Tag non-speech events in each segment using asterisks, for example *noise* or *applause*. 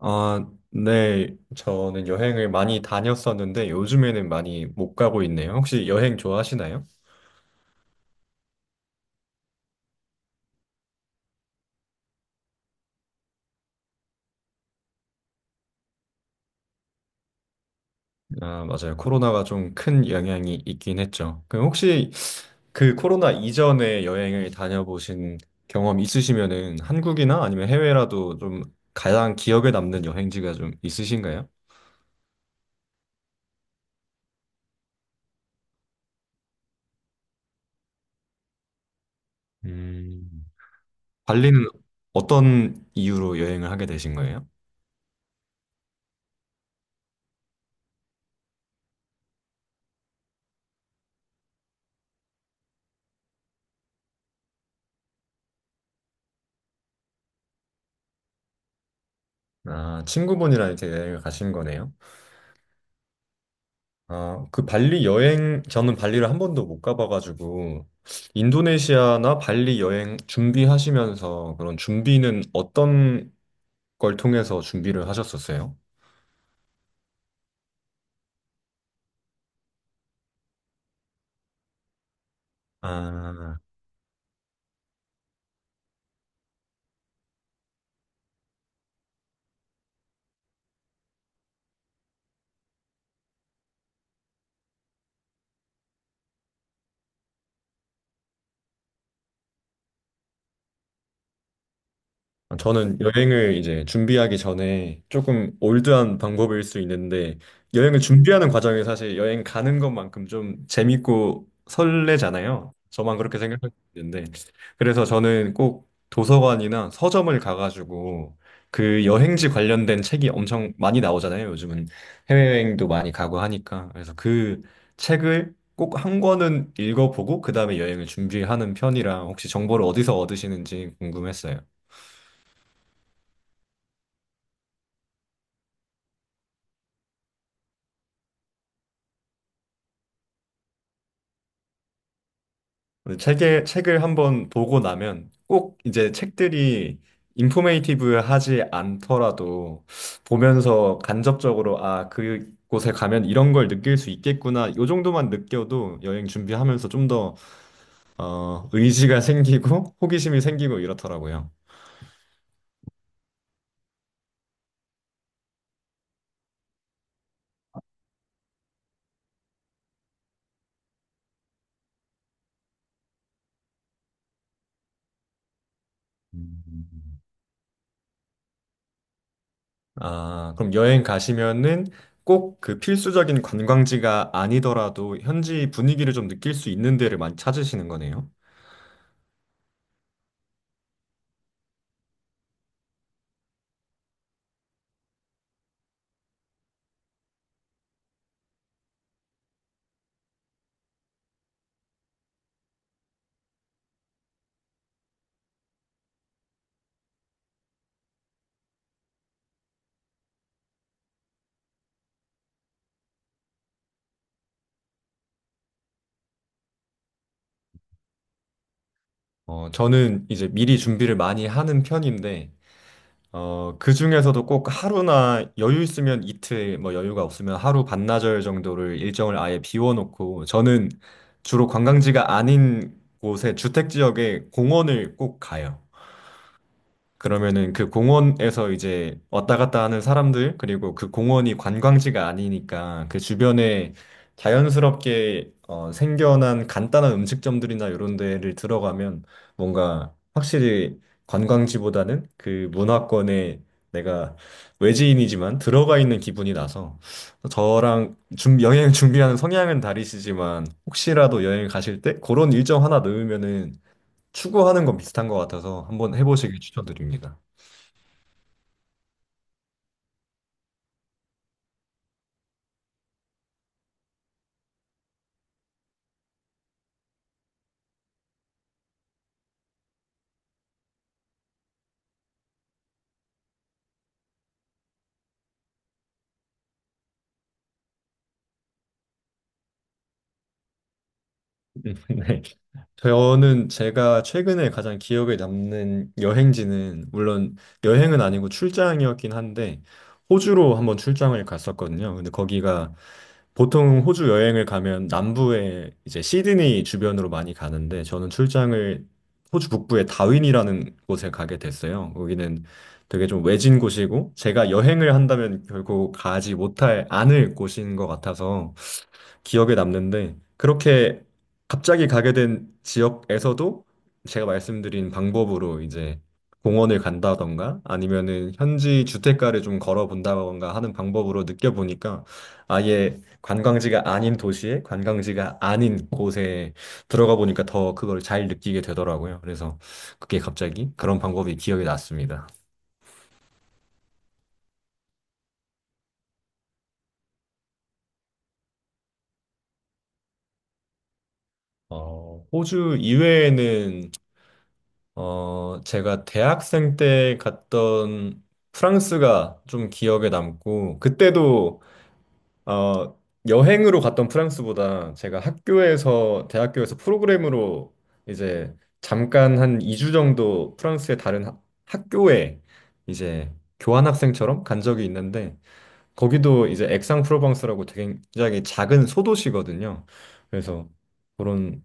아, 네. 저는 여행을 많이 다녔었는데 요즘에는 많이 못 가고 있네요. 혹시 여행 좋아하시나요? 아, 맞아요. 코로나가 좀 큰 영향이 있긴 했죠. 그럼 혹시 그 코로나 이전에 여행을 다녀보신 경험 있으시면은 한국이나 아니면 해외라도 좀 가장 기억에 남는 여행지가 좀 있으신가요? 음. 발리는 어떤 이유로 여행을 하게 되신 거예요? 아, 친구분이랑 이렇게 여행을 가신 거네요. 아, 그 발리 여행, 저는 발리를 한 번도 못 가봐가지고, 인도네시아나 발리 여행 준비하시면서 그런 준비는 어떤 걸 통해서 준비를 하셨었어요? 아, 저는 여행을 이제 준비하기 전에 조금 올드한 방법일 수 있는데 여행을 준비하는 과정이 사실 여행 가는 것만큼 좀 재밌고 설레잖아요. 저만 그렇게 생각할 수 있는데 그래서 저는 꼭 도서관이나 서점을 가가지고 그 여행지 관련된 책이 엄청 많이 나오잖아요. 요즘은 해외여행도 많이 가고 하니까 그래서 그 책을 꼭 한 권은 읽어보고 그 다음에 여행을 준비하는 편이라 혹시 정보를 어디서 얻으시는지 궁금했어요. 근데 책을 한 번 보고 나면 꼭 이제 책들이 인포메이티브하지 않더라도 보면서 간접적으로 아, 그곳에 가면 이런 걸 느낄 수 있겠구나. 요 정도만 느껴도 여행 준비하면서 좀 더, 의지가 *laughs* 생기고 호기심이 생기고 이렇더라고요. 음. 아, 그럼 여행 가시면은 꼭 그 필수적인 관광지가 아니더라도 현지 분위기를 좀 느낄 수 있는 데를 많이 찾으시는 거네요? 저는 이제 미리 준비를 많이 하는 편인데, 그 중에서도 꼭 하루나 여유 있으면 이틀, 뭐 여유가 없으면 하루 반나절 정도를 일정을 아예 비워놓고, 저는 주로 관광지가 아닌 곳에 주택 지역에 공원을 꼭 가요. 그러면은 그 공원에서 이제 왔다 갔다 하는 사람들, 그리고 그 공원이 관광지가 아니니까 그 주변에 자연스럽게 생겨난 간단한 음식점들이나 이런 데를 들어가면 뭔가 확실히 관광지보다는 그 문화권에 내가 외지인이지만 들어가 있는 기분이 나서 저랑 준 여행 준비하는 성향은 다르시지만 혹시라도 여행 가실 때 그런 일정 하나 넣으면은 추구하는 건 비슷한 것 같아서 한번 해보시길 추천드립니다. *laughs* 네. 저는 제가 최근에 가장 기억에 남는 여행지는 물론 여행은 아니고 출장이었긴 한데 호주로 한번 출장을 갔었거든요. 근데 거기가 보통 호주 여행을 가면 남부에 이제 시드니 주변으로 많이 가는데 저는 출장을 호주 북부의 다윈이라는 곳에 가게 됐어요. 거기는 되게 좀 외진 곳이고 제가 여행을 한다면 결국 가지 못할 않을 곳인 것 같아서 기억에 남는데 그렇게 갑자기 가게 된 지역에서도 제가 말씀드린 방법으로 이제 공원을 간다던가 아니면은 현지 주택가를 좀 걸어본다던가 하는 방법으로 느껴보니까 아예 관광지가 아닌 도시에 관광지가 아닌 곳에 들어가 보니까 더 그걸 잘 느끼게 되더라고요. 그래서 그게 갑자기 그런 방법이 기억에 났습니다. 호주 이외에는 제가 대학생 때 갔던 프랑스가 좀 기억에 남고, 그때도, 어, 여행으로 갔던 프랑스보다 제가 학교에서, 대학교에서 프로그램으로 이제 잠깐 한 2주 정도 프랑스의 다른 학교에 이제 교환학생처럼 간 적이 있는데, 거기도 이제 액상프로방스라고 되게 굉장히 작은 소도시거든요. 그래서 그런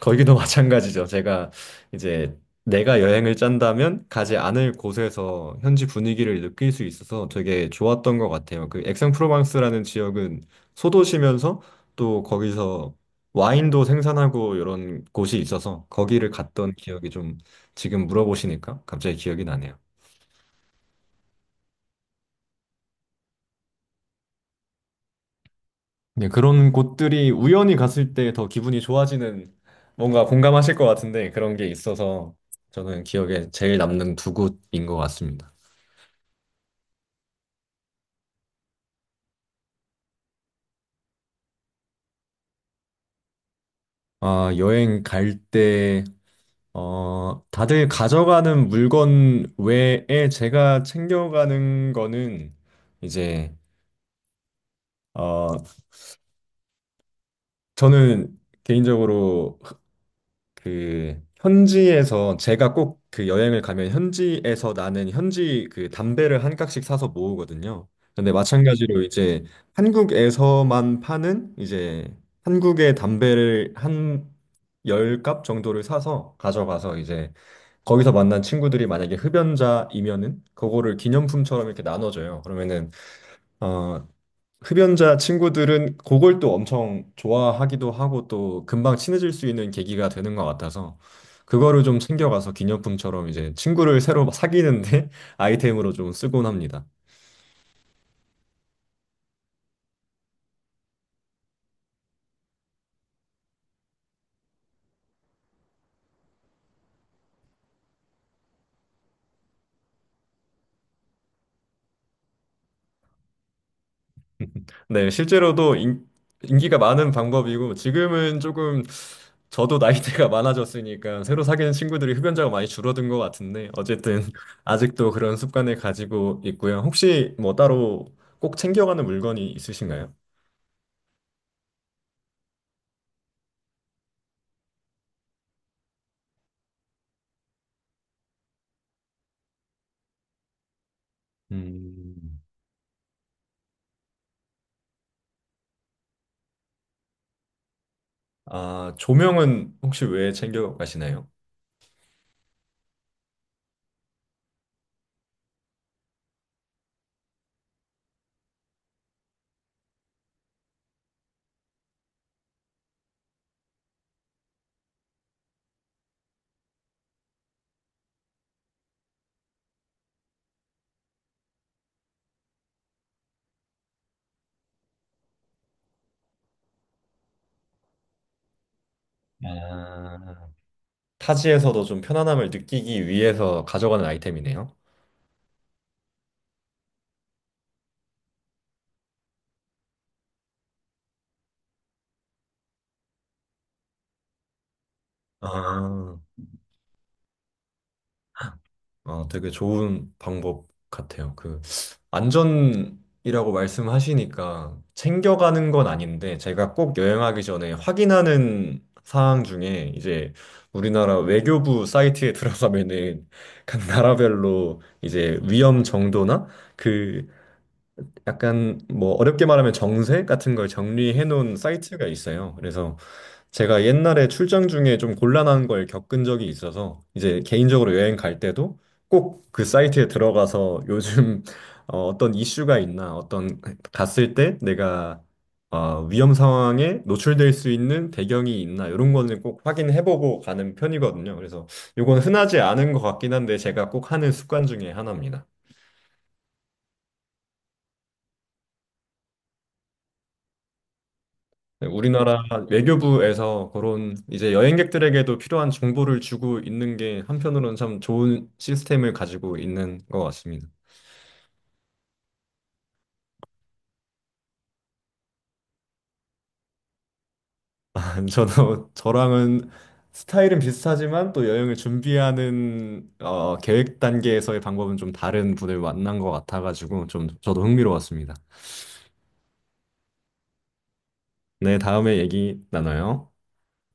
거기도 *laughs* 마찬가지죠. 제가 이제 내가 여행을 짠다면 가지 않을 곳에서 현지 분위기를 느낄 수 있어서 되게 좋았던 것 같아요. 그 액상프로방스라는 지역은 소도시면서 또 거기서 와인도 생산하고 이런 곳이 있어서 거기를 갔던 기억이 좀 지금 물어보시니까 갑자기 기억이 나네요. 네, 그런 곳들이 우연히 갔을 때 더 기분이 좋아지는 뭔가 공감하실 것 같은데 그런 게 있어서 저는 기억에 제일 남는 두 곳인 것 같습니다. 아, 여행 갈 때, 다들 가져가는 물건 외에 제가 챙겨가는 거는 이제, 어, 저는 개인적으로 그 현지에서 제가 꼭 그 여행을 가면 현지에서 나는 현지 그 담배를 한 깍씩 사서 모으거든요. 근데 마찬가지로 이제 한국에서만 파는 이제 한국의 담배를 한 10갑 정도를 사서 가져가서 이제 거기서 만난 친구들이 만약에 흡연자이면은 그거를 기념품처럼 이렇게 나눠줘요. 그러면은 어 흡연자 친구들은 그걸 또 엄청 좋아하기도 하고 또 금방 친해질 수 있는 계기가 되는 것 같아서 그거를 좀 챙겨가서 기념품처럼 이제 친구를 새로 막 사귀는데 *laughs* 아이템으로 좀 쓰곤 합니다. *laughs* 네, 실제로도 기가 많은 방법이고 지금은 조금 저도 나이대가 많아졌으니까 새로 사귀는 친구들이 흡연자가 많이 줄어든 것 같은데 어쨌든 *laughs* 아직도 그런 습관을 가지고 있고요. 혹시 뭐 따로 꼭 챙겨가는 물건이 있으신가요? 음. 아, 조명은 혹시 왜 챙겨 가시나요? 아, 타지에서도 좀 편안함을 느끼기 위해서 가져가는 아이템이네요. 아, 아, 되게 좋은 방법 같아요. 그 안전이라고 말씀하시니까 챙겨가는 건 아닌데 제가 꼭 여행하기 전에 확인하는 사항 중에 이제 우리나라 외교부 사이트에 *laughs* 들어가면은 각 나라별로 이제 위험 정도나 그 약간 뭐 어렵게 말하면 정세 같은 걸 정리해 놓은 사이트가 있어요. 그래서 제가 옛날에 출장 중에 좀 곤란한 걸 겪은 적이 있어서 이제 개인적으로 여행 갈 때도 꼭 그 사이트에 들어가서 요즘 *laughs* 어떤 이슈가 있나 어떤 갔을 때 내가 위험 상황에 노출될 수 있는 배경이 있나 이런 거는 꼭 확인해 보고 가는 편이거든요. 그래서 이건 흔하지 않은 것 같긴 한데 제가 꼭 하는 습관 중에 하나입니다. 우리나라 외교부에서 그런 이제 여행객들에게도 필요한 정보를 주고 있는 게 한편으로는 참 좋은 시스템을 가지고 있는 것 같습니다. *laughs* 저도 저랑은 스타일은 비슷하지만 또 여행을 준비하는 계획 단계에서의 방법은 좀 다른 분을 만난 것 같아가지고 좀 저도 흥미로웠습니다. 네, 다음에 얘기 나눠요.